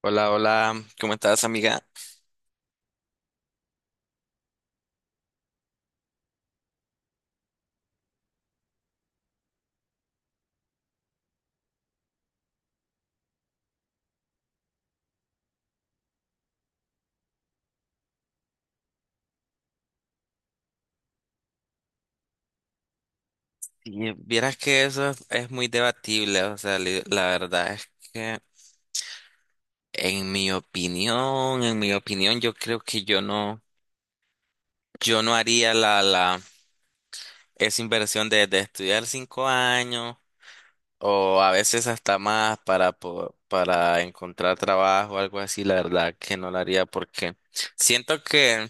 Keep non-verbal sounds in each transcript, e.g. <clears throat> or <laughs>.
Hola, hola, ¿cómo estás, amiga? Y vieras que eso es muy debatible, o sea, la verdad es que en mi opinión, yo creo que yo no, yo no haría esa inversión de estudiar 5 años o a veces hasta más para, para encontrar trabajo o algo así, la verdad que no la haría porque siento que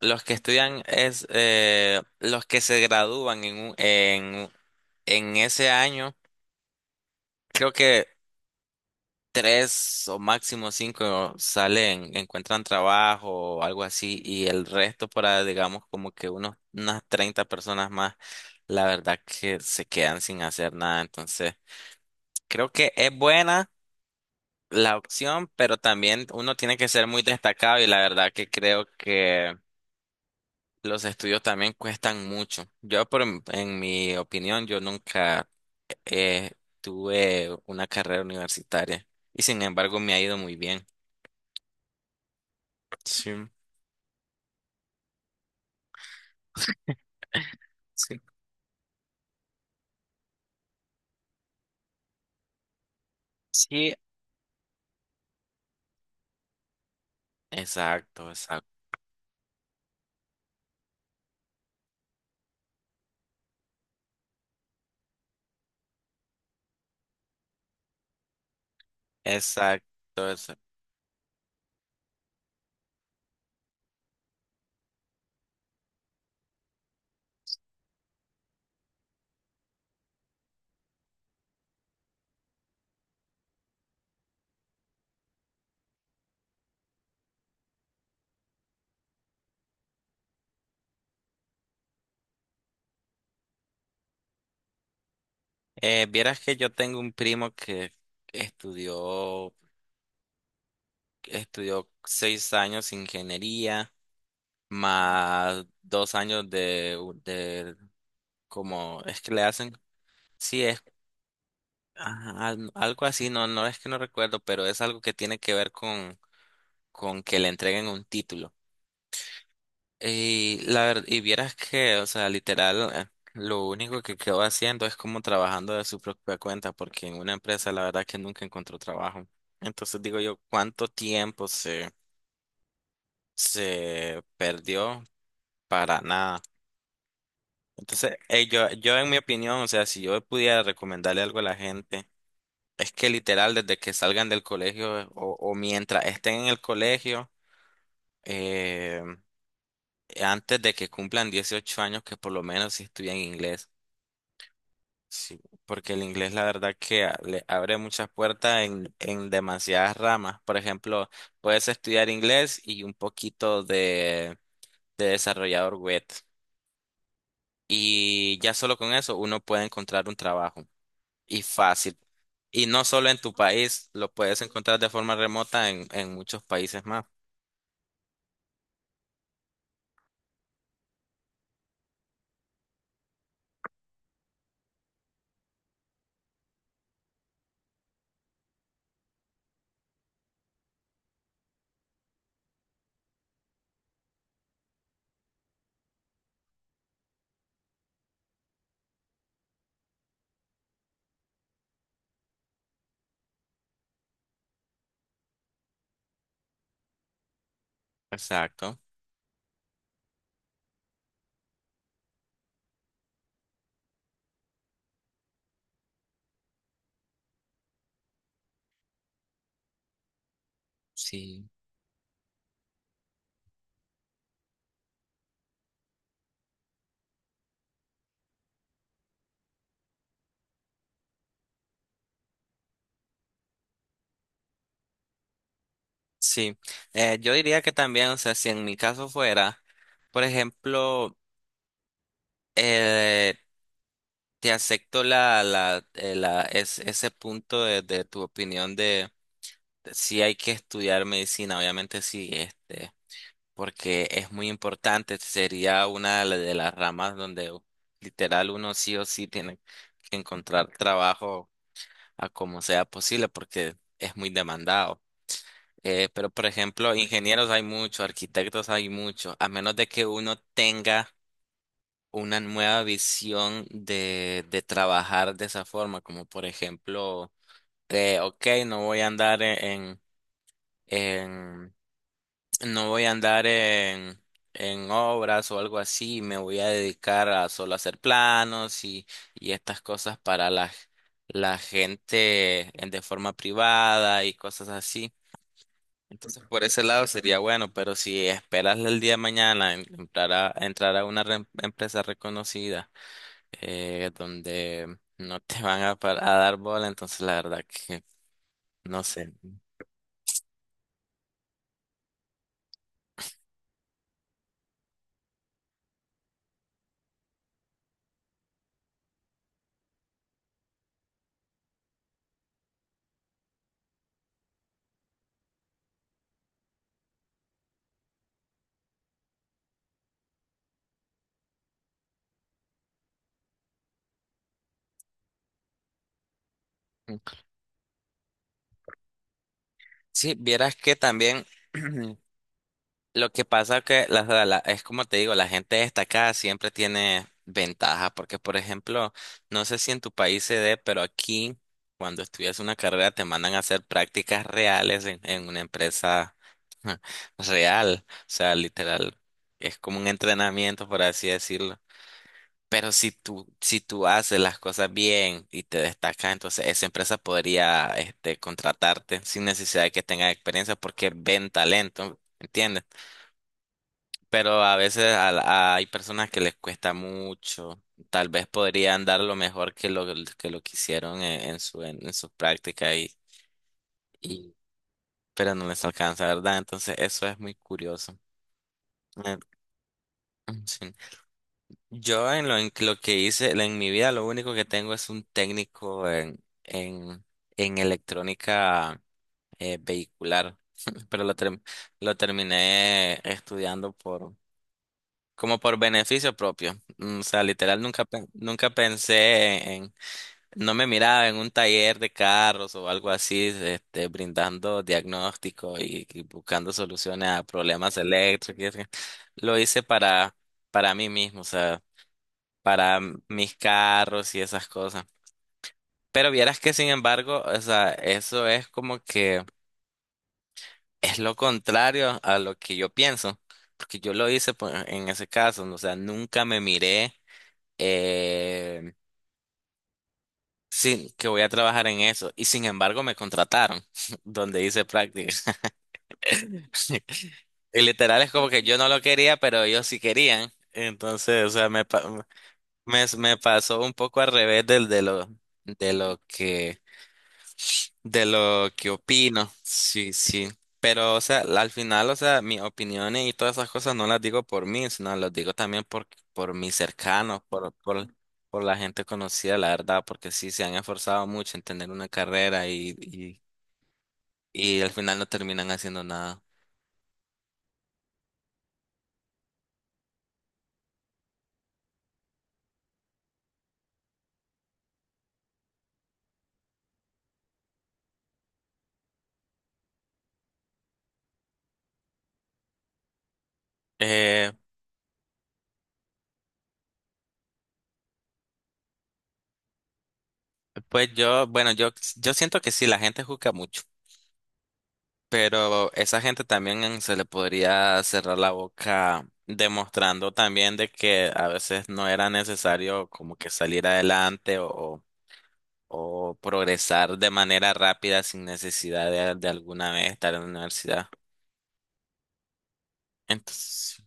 los que estudian es, los que se gradúan en ese año. Creo que tres o máximo cinco salen, encuentran trabajo o algo así, y el resto para, digamos, como que unas 30 personas más, la verdad que se quedan sin hacer nada. Entonces, creo que es buena la opción, pero también uno tiene que ser muy destacado y la verdad que creo que los estudios también cuestan mucho. Yo, por, en mi opinión, yo nunca eh, tuve una carrera universitaria y sin embargo me ha ido muy bien. Sí, sí, sí, exacto, exacto, exacto, exacto. Vieras que yo tengo un primo que estudió, estudió 6 años ingeniería, más 2 años de, de como, es que le hacen, sí, es ajá, algo así, no, no es que no recuerdo, pero es algo que tiene que ver con que le entreguen un título. Y la verdad, y vieras que, o sea, literal, lo único que quedó haciendo es como trabajando de su propia cuenta, porque en una empresa la verdad que nunca encontró trabajo. Entonces digo yo, ¿cuánto tiempo se, se perdió para nada? Entonces, yo, yo en mi opinión, o sea, si yo pudiera recomendarle algo a la gente, es que literal desde que salgan del colegio o mientras estén en el colegio, eh, antes de que cumplan 18 años, que por lo menos si estudian inglés. Sí, porque el inglés la verdad que le abre muchas puertas en demasiadas ramas. Por ejemplo, puedes estudiar inglés y un poquito de desarrollador web. Y ya solo con eso uno puede encontrar un trabajo y fácil. Y no solo en tu país, lo puedes encontrar de forma remota en muchos países más. Exacto. Sí. Sí. Yo diría que también, o sea, si en mi caso fuera, por ejemplo, eh, te acepto es, ese punto de tu opinión de si hay que estudiar medicina, obviamente sí, este, porque es muy importante, sería una de de las ramas donde literal uno sí o sí tiene que encontrar trabajo a como sea posible, porque es muy demandado. Pero por ejemplo, ingenieros hay muchos, arquitectos hay muchos, a menos de que uno tenga una nueva visión de trabajar de esa forma, como por ejemplo, de, ok, no voy a andar en, no voy a andar en obras o algo así, me voy a dedicar a solo hacer planos y estas cosas para la, la gente de forma privada y cosas así. Entonces, por ese lado sería bueno, pero si esperas el día de mañana entrar a una empresa reconocida donde no te van a, a dar bola, entonces la verdad que no sé. Sí, vieras que también <clears throat> lo que pasa que es como te digo, la gente destacada siempre tiene ventaja, porque por ejemplo, no sé si en tu país se dé, pero aquí cuando estudias una carrera te mandan a hacer prácticas reales en una empresa <laughs> real, o sea, literal, es como un entrenamiento, por así decirlo. Pero si tú haces las cosas bien y te destacas, entonces esa empresa podría, este, contratarte sin necesidad de que tengas experiencia porque ven talento, ¿entiendes? Pero a veces hay personas que les cuesta mucho. Tal vez podrían dar lo mejor que lo que hicieron en, su práctica y pero no les alcanza, ¿verdad? Entonces eso es muy curioso. Eh, sí. Yo en lo que hice, en mi vida, lo único que tengo es un técnico en, en electrónica vehicular, <laughs> pero lo, lo terminé estudiando por, como por beneficio propio. O sea, literal, nunca, nunca pensé en, no me miraba en un taller de carros o algo así, este, brindando diagnóstico y buscando soluciones a problemas eléctricos. Lo hice para mí mismo, o sea para mis carros y esas cosas. Pero vieras que sin embargo, o sea, eso es como que es lo contrario a lo que yo pienso, porque yo lo hice pues en ese caso, ¿no? O sea, nunca me miré eh, sin que voy a trabajar en eso y sin embargo me contrataron <laughs> donde hice prácticas. <laughs> Y literal es como que yo no lo quería, pero ellos sí querían. Entonces, o sea, me, me, me pasó un poco al revés del, de lo, de lo que de lo que opino, sí, sí. Pero, o sea, al final, o sea, mis opiniones y todas esas cosas no las digo por mí, sino las digo también por mis cercanos, por la gente conocida, la verdad, porque sí se han esforzado mucho en tener una carrera y al final no terminan haciendo nada. Eh, pues yo, bueno, yo siento que sí, la gente juzga mucho. Pero esa gente también se le podría cerrar la boca demostrando también de que a veces no era necesario como que salir adelante o, o progresar de manera rápida sin necesidad de alguna vez estar en la universidad. Entonces,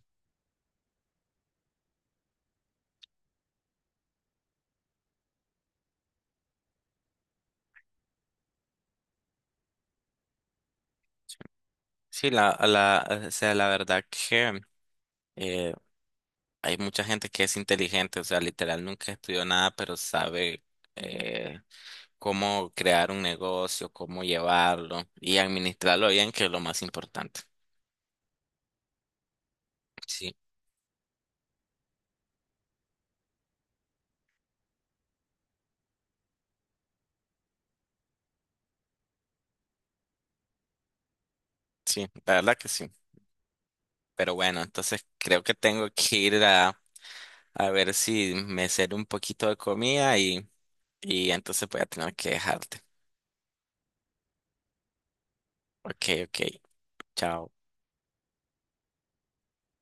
sí, la, o sea, la verdad que eh, hay mucha gente que es inteligente, o sea, literal nunca estudió nada, pero sabe eh, cómo crear un negocio, cómo llevarlo y administrarlo bien, que es lo más importante. Sí, sí, la verdad que sí. Pero bueno, entonces creo que tengo que ir a ver si me sirve un poquito de comida y entonces voy a tener que dejarte. Ok, ok, chao.